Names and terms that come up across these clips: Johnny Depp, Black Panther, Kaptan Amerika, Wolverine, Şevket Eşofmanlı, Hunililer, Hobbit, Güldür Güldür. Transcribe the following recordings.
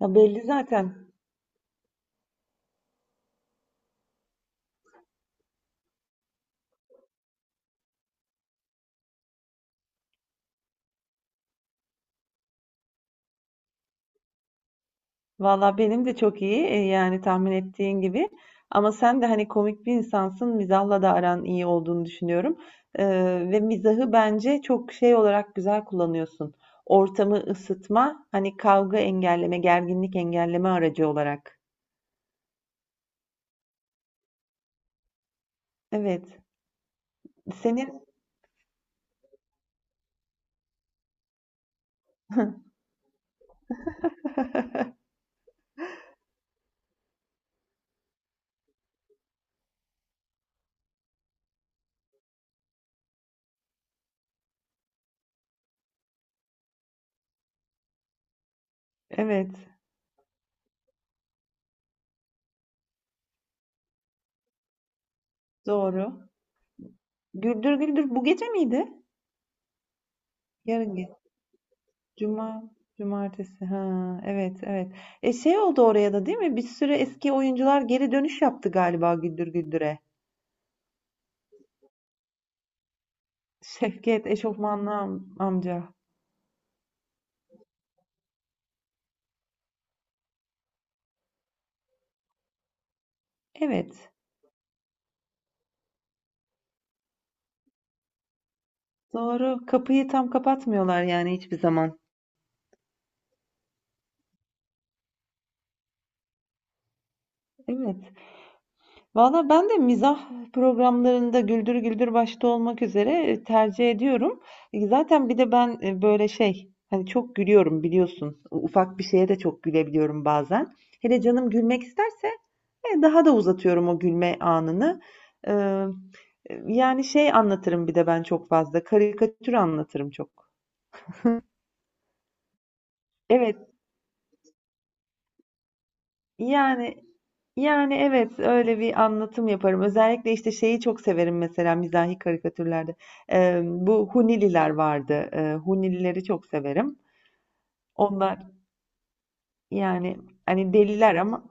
Ya belli zaten. Valla benim de çok iyi, yani tahmin ettiğin gibi. Ama sen de hani komik bir insansın. Mizahla da aran iyi olduğunu düşünüyorum. Ee, Ve mizahı bence çok şey olarak güzel kullanıyorsun. Ortamı ısıtma, hani kavga engelleme, gerginlik engelleme aracı olarak. Evet. Senin, evet, doğru. Güldür Güldür bu gece miydi? Yarın Cuma, cumartesi. Ha, evet, evet. E şey oldu oraya da değil mi? Bir sürü eski oyuncular geri dönüş yaptı galiba Güldür Güldür'e. Şevket Eşofmanlı amca. Evet, doğru. Kapıyı tam kapatmıyorlar yani hiçbir zaman. Evet. Valla ben de mizah programlarında Güldür Güldür başta olmak üzere tercih ediyorum. E, zaten bir de ben, böyle şey hani çok gülüyorum biliyorsun. Ufak bir şeye de çok gülebiliyorum bazen. Hele canım gülmek isterse daha da uzatıyorum o gülme anını. Eee, Yani şey anlatırım bir de ben çok fazla, karikatür anlatırım çok. Evet, yani evet öyle bir anlatım yaparım. Özellikle işte şeyi çok severim mesela mizahi karikatürlerde. Bu Hunililer vardı. Hunilileri çok severim. Onlar yani hani deliler ama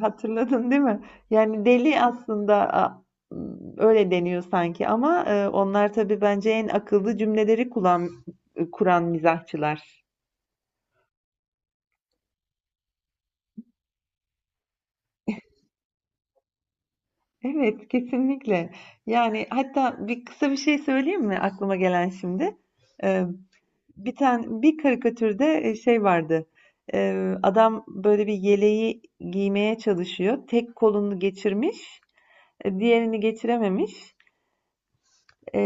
hatırladın değil mi? Yani deli aslında öyle deniyor sanki ama onlar tabii bence en akıllı cümleleri kuran, kuran mizahçılar. Evet, kesinlikle. Yani hatta bir kısa bir şey söyleyeyim mi aklıma gelen şimdi? E, Bir tane bir karikatürde, şey vardı. E, adam böyle bir yeleği giymeye çalışıyor. Tek kolunu geçirmiş, diğerini geçirememiş. Eee,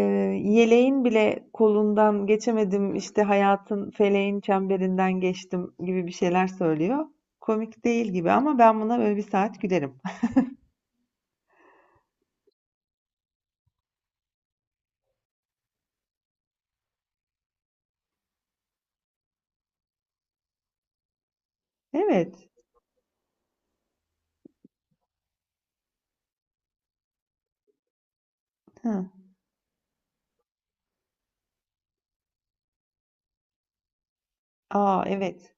Yeleğin bile kolundan geçemedim işte hayatın feleğin çemberinden geçtim gibi bir şeyler söylüyor. Komik değil gibi ama ben buna böyle bir saat gülerim. Evet. Hı. Aa evet.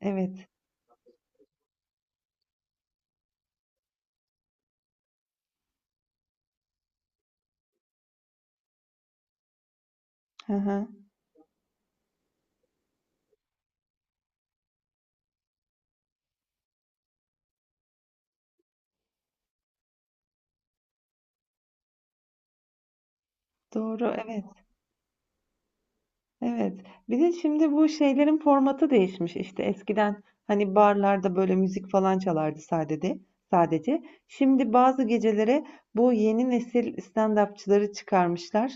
Evet. Hı hı. Doğru evet. Evet. Bir de şimdi bu şeylerin formatı değişmiş. İşte eskiden hani barlarda böyle müzik falan çalardı sadece. Sadece. Şimdi bazı gecelere bu yeni nesil stand-upçıları çıkarmışlar.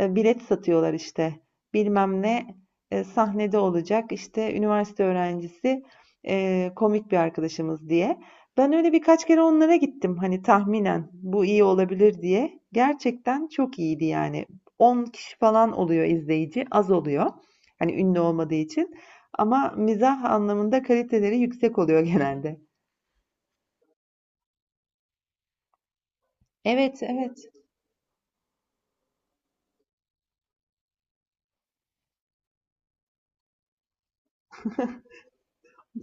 E, bilet satıyorlar işte. Bilmem ne sahnede olacak. İşte üniversite öğrencisi, komik bir arkadaşımız diye. Ben öyle birkaç kere onlara gittim. Hani tahminen bu iyi olabilir diye. Gerçekten çok iyiydi yani. 10 kişi falan oluyor izleyici, az oluyor. Hani ünlü olmadığı için. Ama mizah anlamında kaliteleri yüksek oluyor genelde. Evet, evet.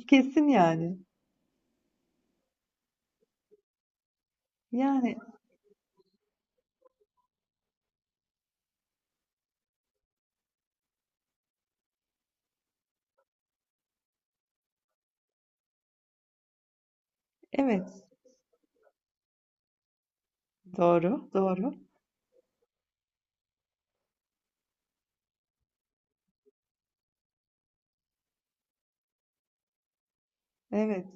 Kesin yani. Yani evet. Doğru, doğru. Evet.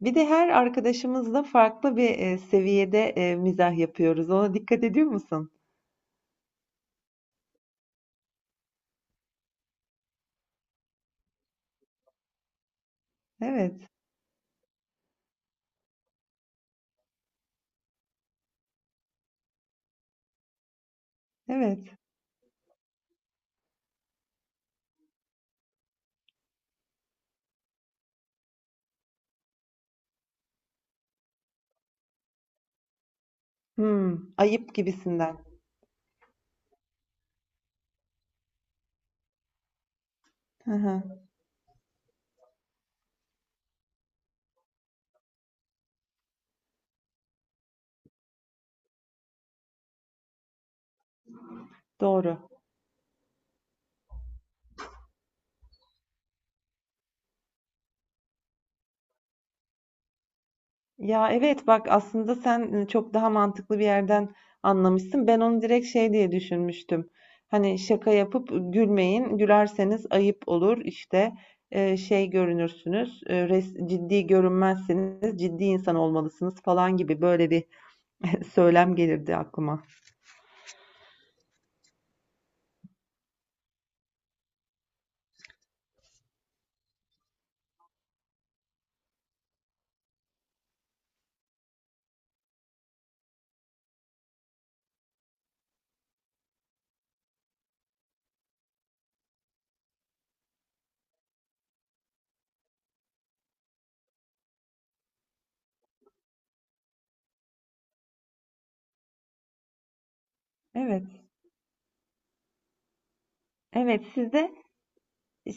Bir de her arkadaşımızla farklı bir seviyede mizah yapıyoruz. Ona dikkat ediyor musun? Evet, evet. Hmm, ayıp gibisinden. Hı hı, doğru. Ya evet bak aslında sen çok daha mantıklı bir yerden anlamışsın. Ben onu direkt şey diye düşünmüştüm. Hani şaka yapıp gülmeyin. Gülerseniz ayıp olur. İşte şey görünürsünüz. Ciddi görünmezsiniz. Ciddi insan olmalısınız falan gibi böyle bir söylem gelirdi aklıma. Evet. Evet sizde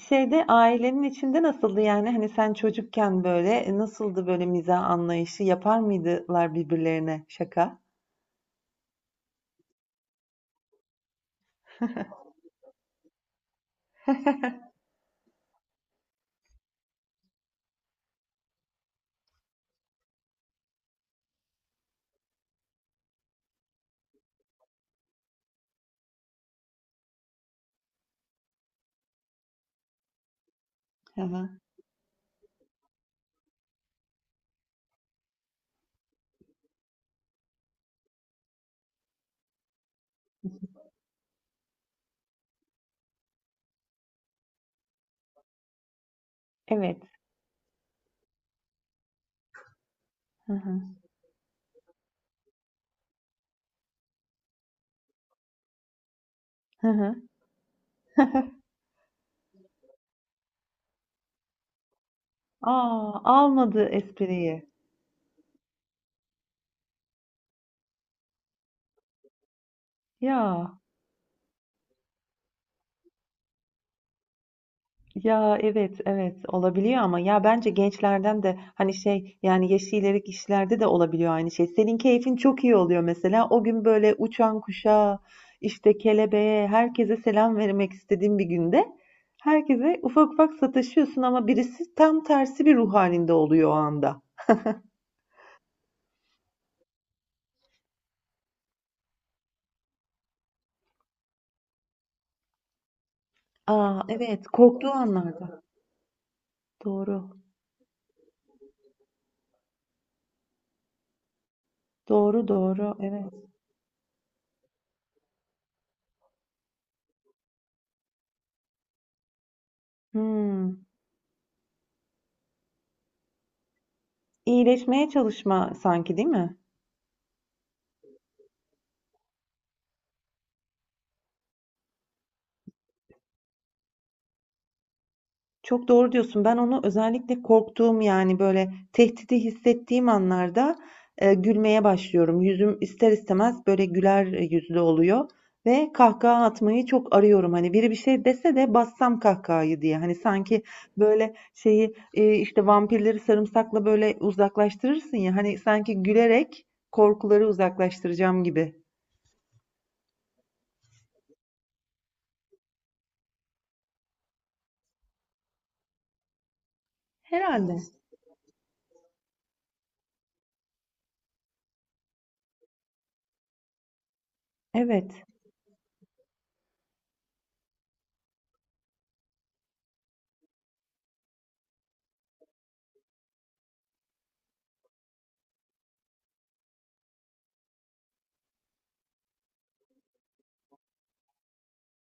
şeyde ailenin içinde nasıldı yani? Hani sen çocukken böyle, nasıldı böyle mizah anlayışı? Yapar mıydılar birbirlerine şaka? Hı hı. Evet. Hı hı. Hı hı. A! Almadı espriyi. Ya, ya, evet, evet olabiliyor ama ya bence gençlerden de hani şey yani yaşı ileri kişilerde de olabiliyor aynı şey. Senin keyfin çok iyi oluyor mesela. O gün böyle uçan kuşa, işte kelebeğe, herkese selam vermek istediğin bir günde herkese ufak ufak sataşıyorsun ama birisi tam tersi bir ruh halinde oluyor o anda. Aa, evet, korktuğu anlarda. Doğru. Doğru, doğru. Evet. Hmm. İyileşmeye çalışma sanki, değil mi? Çok doğru diyorsun. Ben onu özellikle korktuğum yani böyle tehdidi hissettiğim anlarda gülmeye başlıyorum. Yüzüm ister istemez böyle güler yüzlü oluyor ve kahkaha atmayı çok arıyorum. Hani biri bir şey dese de bassam kahkahayı diye. Hani sanki böyle şeyi, işte vampirleri sarımsakla böyle uzaklaştırırsın ya. Hani sanki gülerek korkuları uzaklaştıracağım gibi. Herhalde. Evet.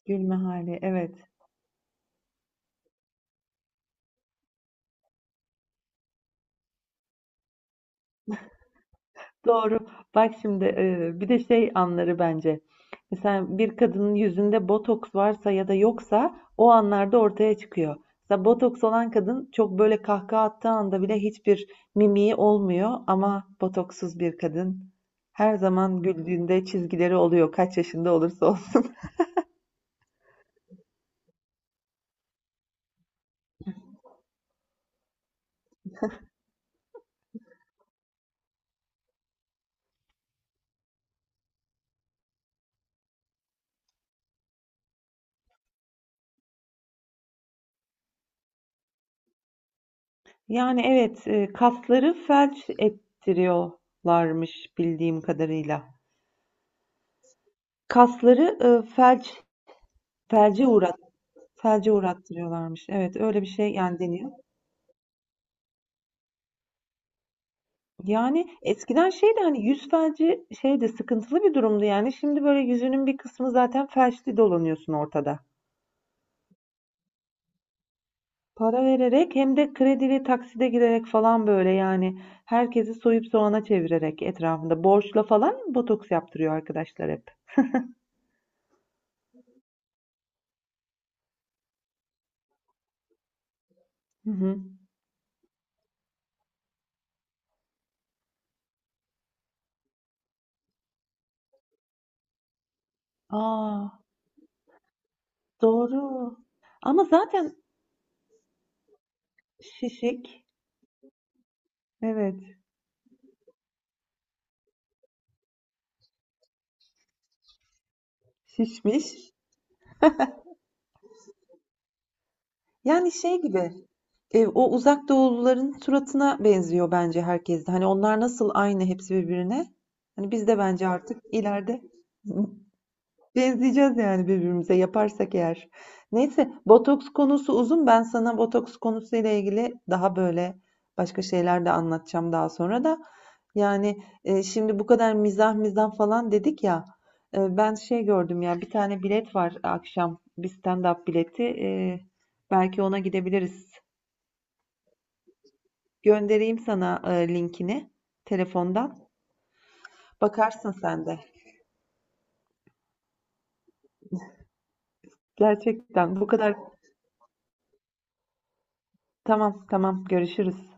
Gülme hali. Evet. Doğru. Bak şimdi, bir de şey anları bence. Mesela bir kadının yüzünde botoks varsa ya da yoksa o anlarda ortaya çıkıyor. Mesela botoks olan kadın çok böyle kahkaha attığı anda bile hiçbir mimiği olmuyor ama botoksuz bir kadın her zaman güldüğünde çizgileri oluyor kaç yaşında olursa olsun. Yani evet, kasları felç ettiriyorlarmış bildiğim kadarıyla. Kasları, felç felce uğrat felce uğrattırıyorlarmış. Evet, öyle bir şey yani deniyor. Yani eskiden şeydi hani yüz felci şeydi sıkıntılı bir durumdu yani. Şimdi böyle yüzünün bir kısmı zaten felçli dolanıyorsun ortada. Para vererek hem de kredili takside girerek falan böyle yani herkesi soyup soğana çevirerek etrafında borçla falan botoks yaptırıyor arkadaşlar hep. Hı hı. Aa, doğru. Ama zaten şişik. Evet, şişmiş. Yani şey gibi. O uzak doğuluların suratına benziyor bence herkes de. Hani onlar nasıl aynı hepsi birbirine. Hani biz de bence artık ileride benzeyeceğiz yani birbirimize yaparsak eğer. Neyse botoks konusu uzun. Ben sana botoks konusuyla ilgili daha böyle başka şeyler de anlatacağım daha sonra da. Yani, şimdi bu kadar mizah mizah falan dedik ya. E, ben şey gördüm ya bir tane bilet var akşam. Bir stand-up bileti. E, belki ona gidebiliriz. Göndereyim sana, linkini telefondan. Bakarsın sen de. Gerçekten bu kadar. Tamam, tamam. Görüşürüz.